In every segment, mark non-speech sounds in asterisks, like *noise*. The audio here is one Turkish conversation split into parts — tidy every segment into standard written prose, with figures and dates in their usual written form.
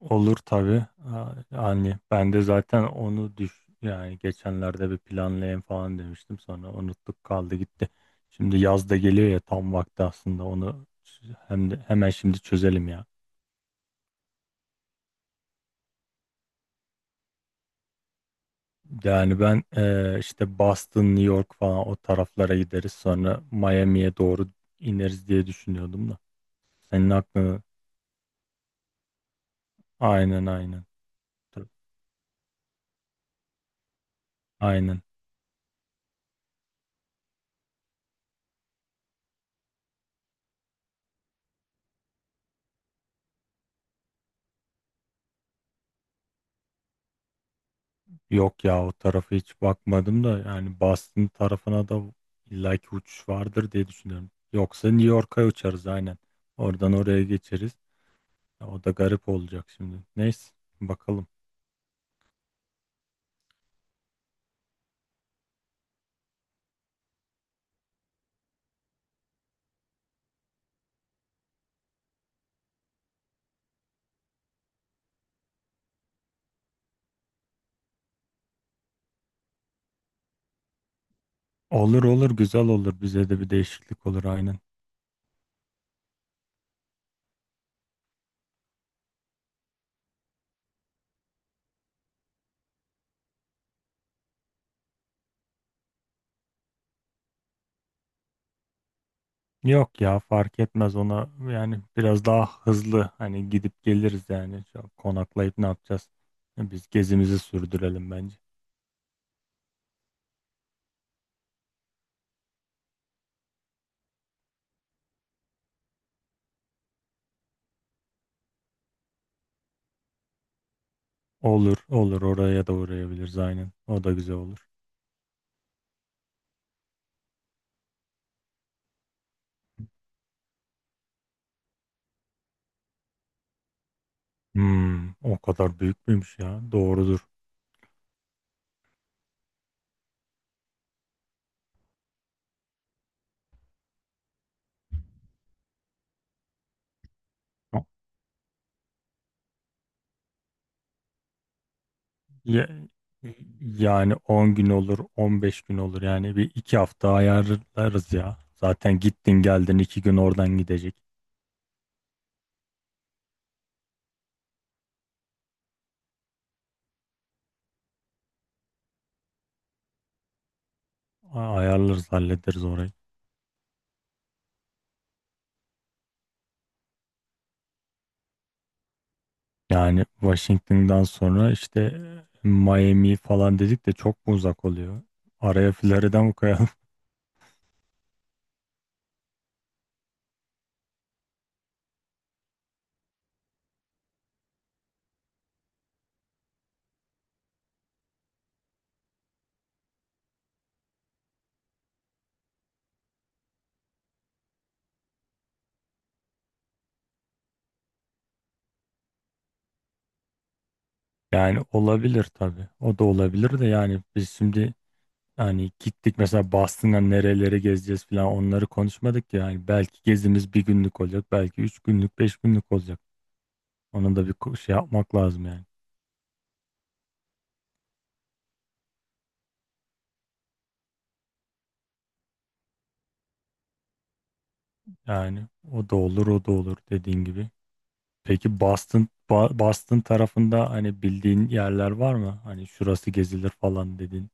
Olur tabii. Yani ben de zaten onu yani geçenlerde bir planlayayım falan demiştim, sonra unuttuk, kaldı gitti. Şimdi yaz da geliyor ya, tam vakti aslında onu hem de hemen şimdi çözelim ya. Yani ben işte Boston, New York falan o taraflara gideriz, sonra Miami'ye doğru ineriz diye düşünüyordum da. Senin aklını aynen aynen. Tabii, aynen. Yok ya, o tarafa hiç bakmadım da, yani Boston tarafına da illaki uçuş vardır diye düşünüyorum. Yoksa New York'a uçarız aynen. Oradan oraya geçeriz. Ya, o da garip olacak şimdi. Neyse, bakalım. Olur olur, güzel olur. Bize de bir değişiklik olur aynen. Yok ya, fark etmez ona, yani biraz daha hızlı hani gidip geliriz yani. Çok konaklayıp ne yapacağız? Biz gezimizi sürdürelim bence. Olur olur, oraya da uğrayabiliriz aynen. O da güzel olur. Hmm, o kadar büyük müymüş ya? Doğrudur. Ya- yani 10 gün olur, 15 gün olur. Yani bir iki hafta ayarlarız ya. Zaten gittin geldin, 2 gün oradan gidecek. Ayarlarız, hallederiz orayı. Yani Washington'dan sonra işte Miami falan dedik de, çok mu uzak oluyor? Araya Florida mı koyalım? *laughs* Yani olabilir tabii. O da olabilir de. Yani biz şimdi Yani gittik mesela Boston'a, nerelere gezeceğiz falan, onları konuşmadık ya. Yani belki gezimiz bir günlük olacak, belki 3 günlük, 5 günlük olacak. Ona da bir şey yapmak lazım yani. Yani o da olur, o da olur dediğin gibi. Peki Boston, Boston tarafında hani bildiğin yerler var mı? Hani şurası gezilir falan dedin.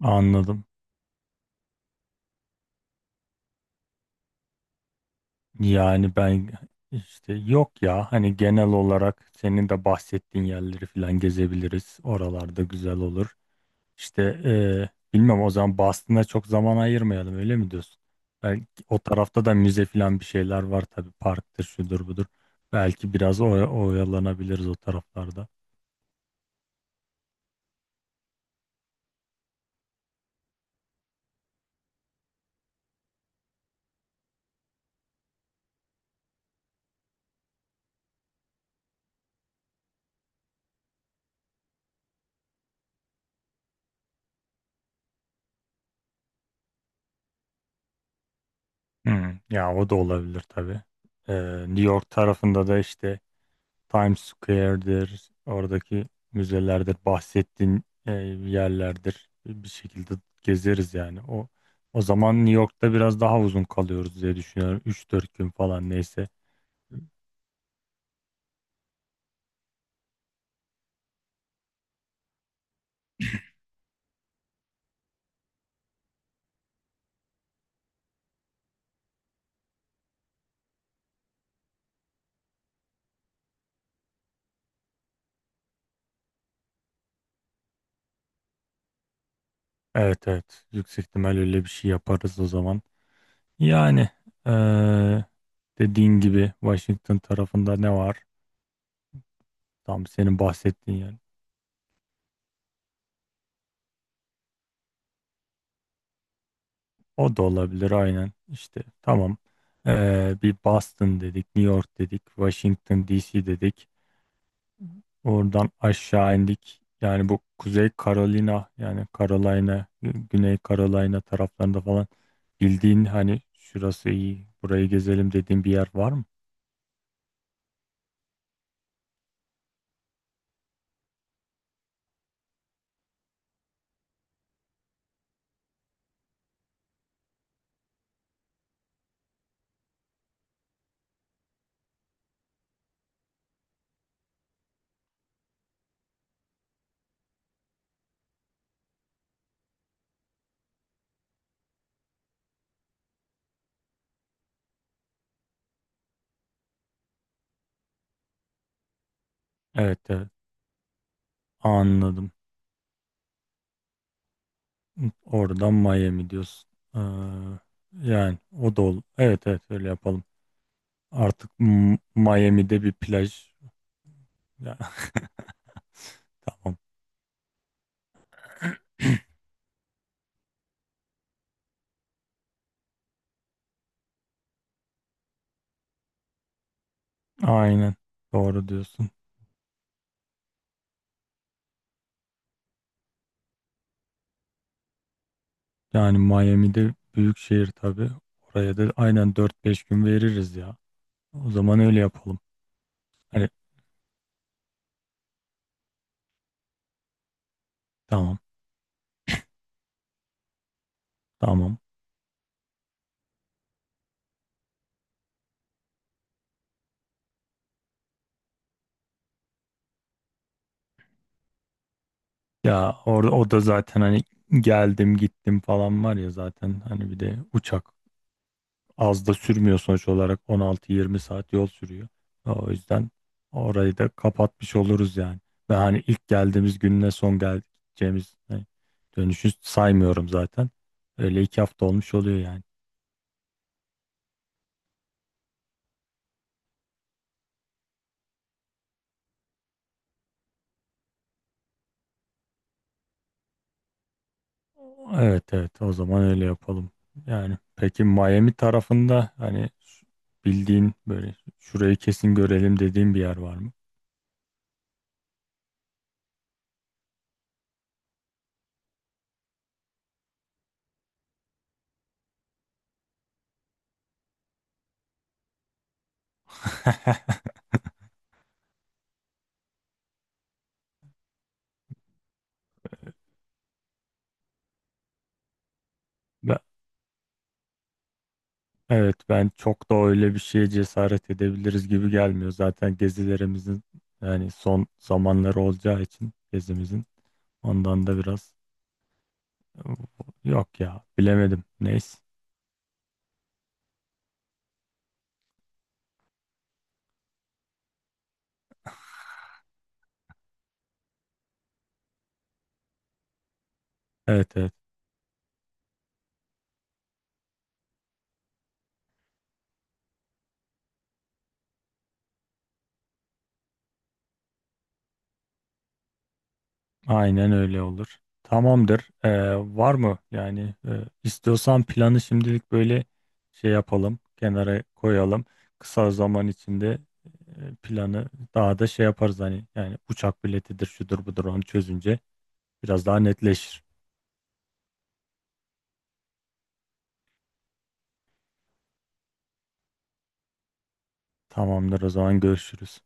Anladım. Yani ben işte, yok ya, hani genel olarak senin de bahsettiğin yerleri falan gezebiliriz. Oralarda güzel olur. İşte bilmem, o zaman Boston'a çok zaman ayırmayalım, öyle mi diyorsun? Belki o tarafta da müze falan bir şeyler var tabii, parktır, şudur budur. Belki biraz oyalanabiliriz o taraflarda. Hmm, ya o da olabilir tabii. E, New York tarafında da işte Times Square'dir, oradaki müzelerdir, bahsettiğin yerlerdir. Bir şekilde gezeriz yani. O zaman New York'ta biraz daha uzun kalıyoruz diye düşünüyorum. 3-4 gün falan, neyse. Evet evet, yüksek ihtimal öyle bir şey yaparız o zaman. Yani eee, dediğin gibi Washington tarafında ne var? Tam senin bahsettiğin yer. O da olabilir aynen, işte tamam. Bir Boston dedik, New York dedik, Washington DC dedik. Oradan aşağı indik. Yani bu Kuzey Carolina, yani Carolina, Güney Carolina taraflarında falan, bildiğin hani şurası iyi, burayı gezelim dediğin bir yer var mı? Evet evet, anladım. Oradan Miami diyorsun. Ee, yani o da ol. Evet evet, öyle yapalım. Artık Miami'de bir plaj. Ya, *laughs* tamam. Aynen, doğru diyorsun. Yani Miami'de büyük şehir tabii. Oraya da aynen 4-5 gün veririz ya. O zaman öyle yapalım. Hani tamam tamam. Ya, orada o da zaten hani geldim gittim falan var ya, zaten hani bir de uçak, az da sürmüyor sonuç olarak 16-20 saat yol sürüyor. O yüzden orayı da kapatmış oluruz yani. Ve hani ilk geldiğimiz gününe son geleceğimiz hani dönüşü saymıyorum zaten. Öyle 2 hafta olmuş oluyor yani. Evet evet, o zaman öyle yapalım. Yani peki, Miami tarafında hani bildiğin böyle şurayı kesin görelim dediğin bir yer var mı? *laughs* Ben- Evet, ben çok da öyle bir şeye cesaret edebiliriz gibi gelmiyor. Zaten gezilerimizin yani son zamanları olacağı için gezimizin, ondan da biraz yok ya, bilemedim. Neyse. Evet evet, aynen öyle olur. Tamamdır. Var mı yani, istiyorsan planı şimdilik böyle şey yapalım, kenara koyalım. Kısa zaman içinde planı daha da şey yaparız hani, yani uçak biletidir şudur budur, onu çözünce biraz daha netleşir. Tamamdır, o zaman görüşürüz.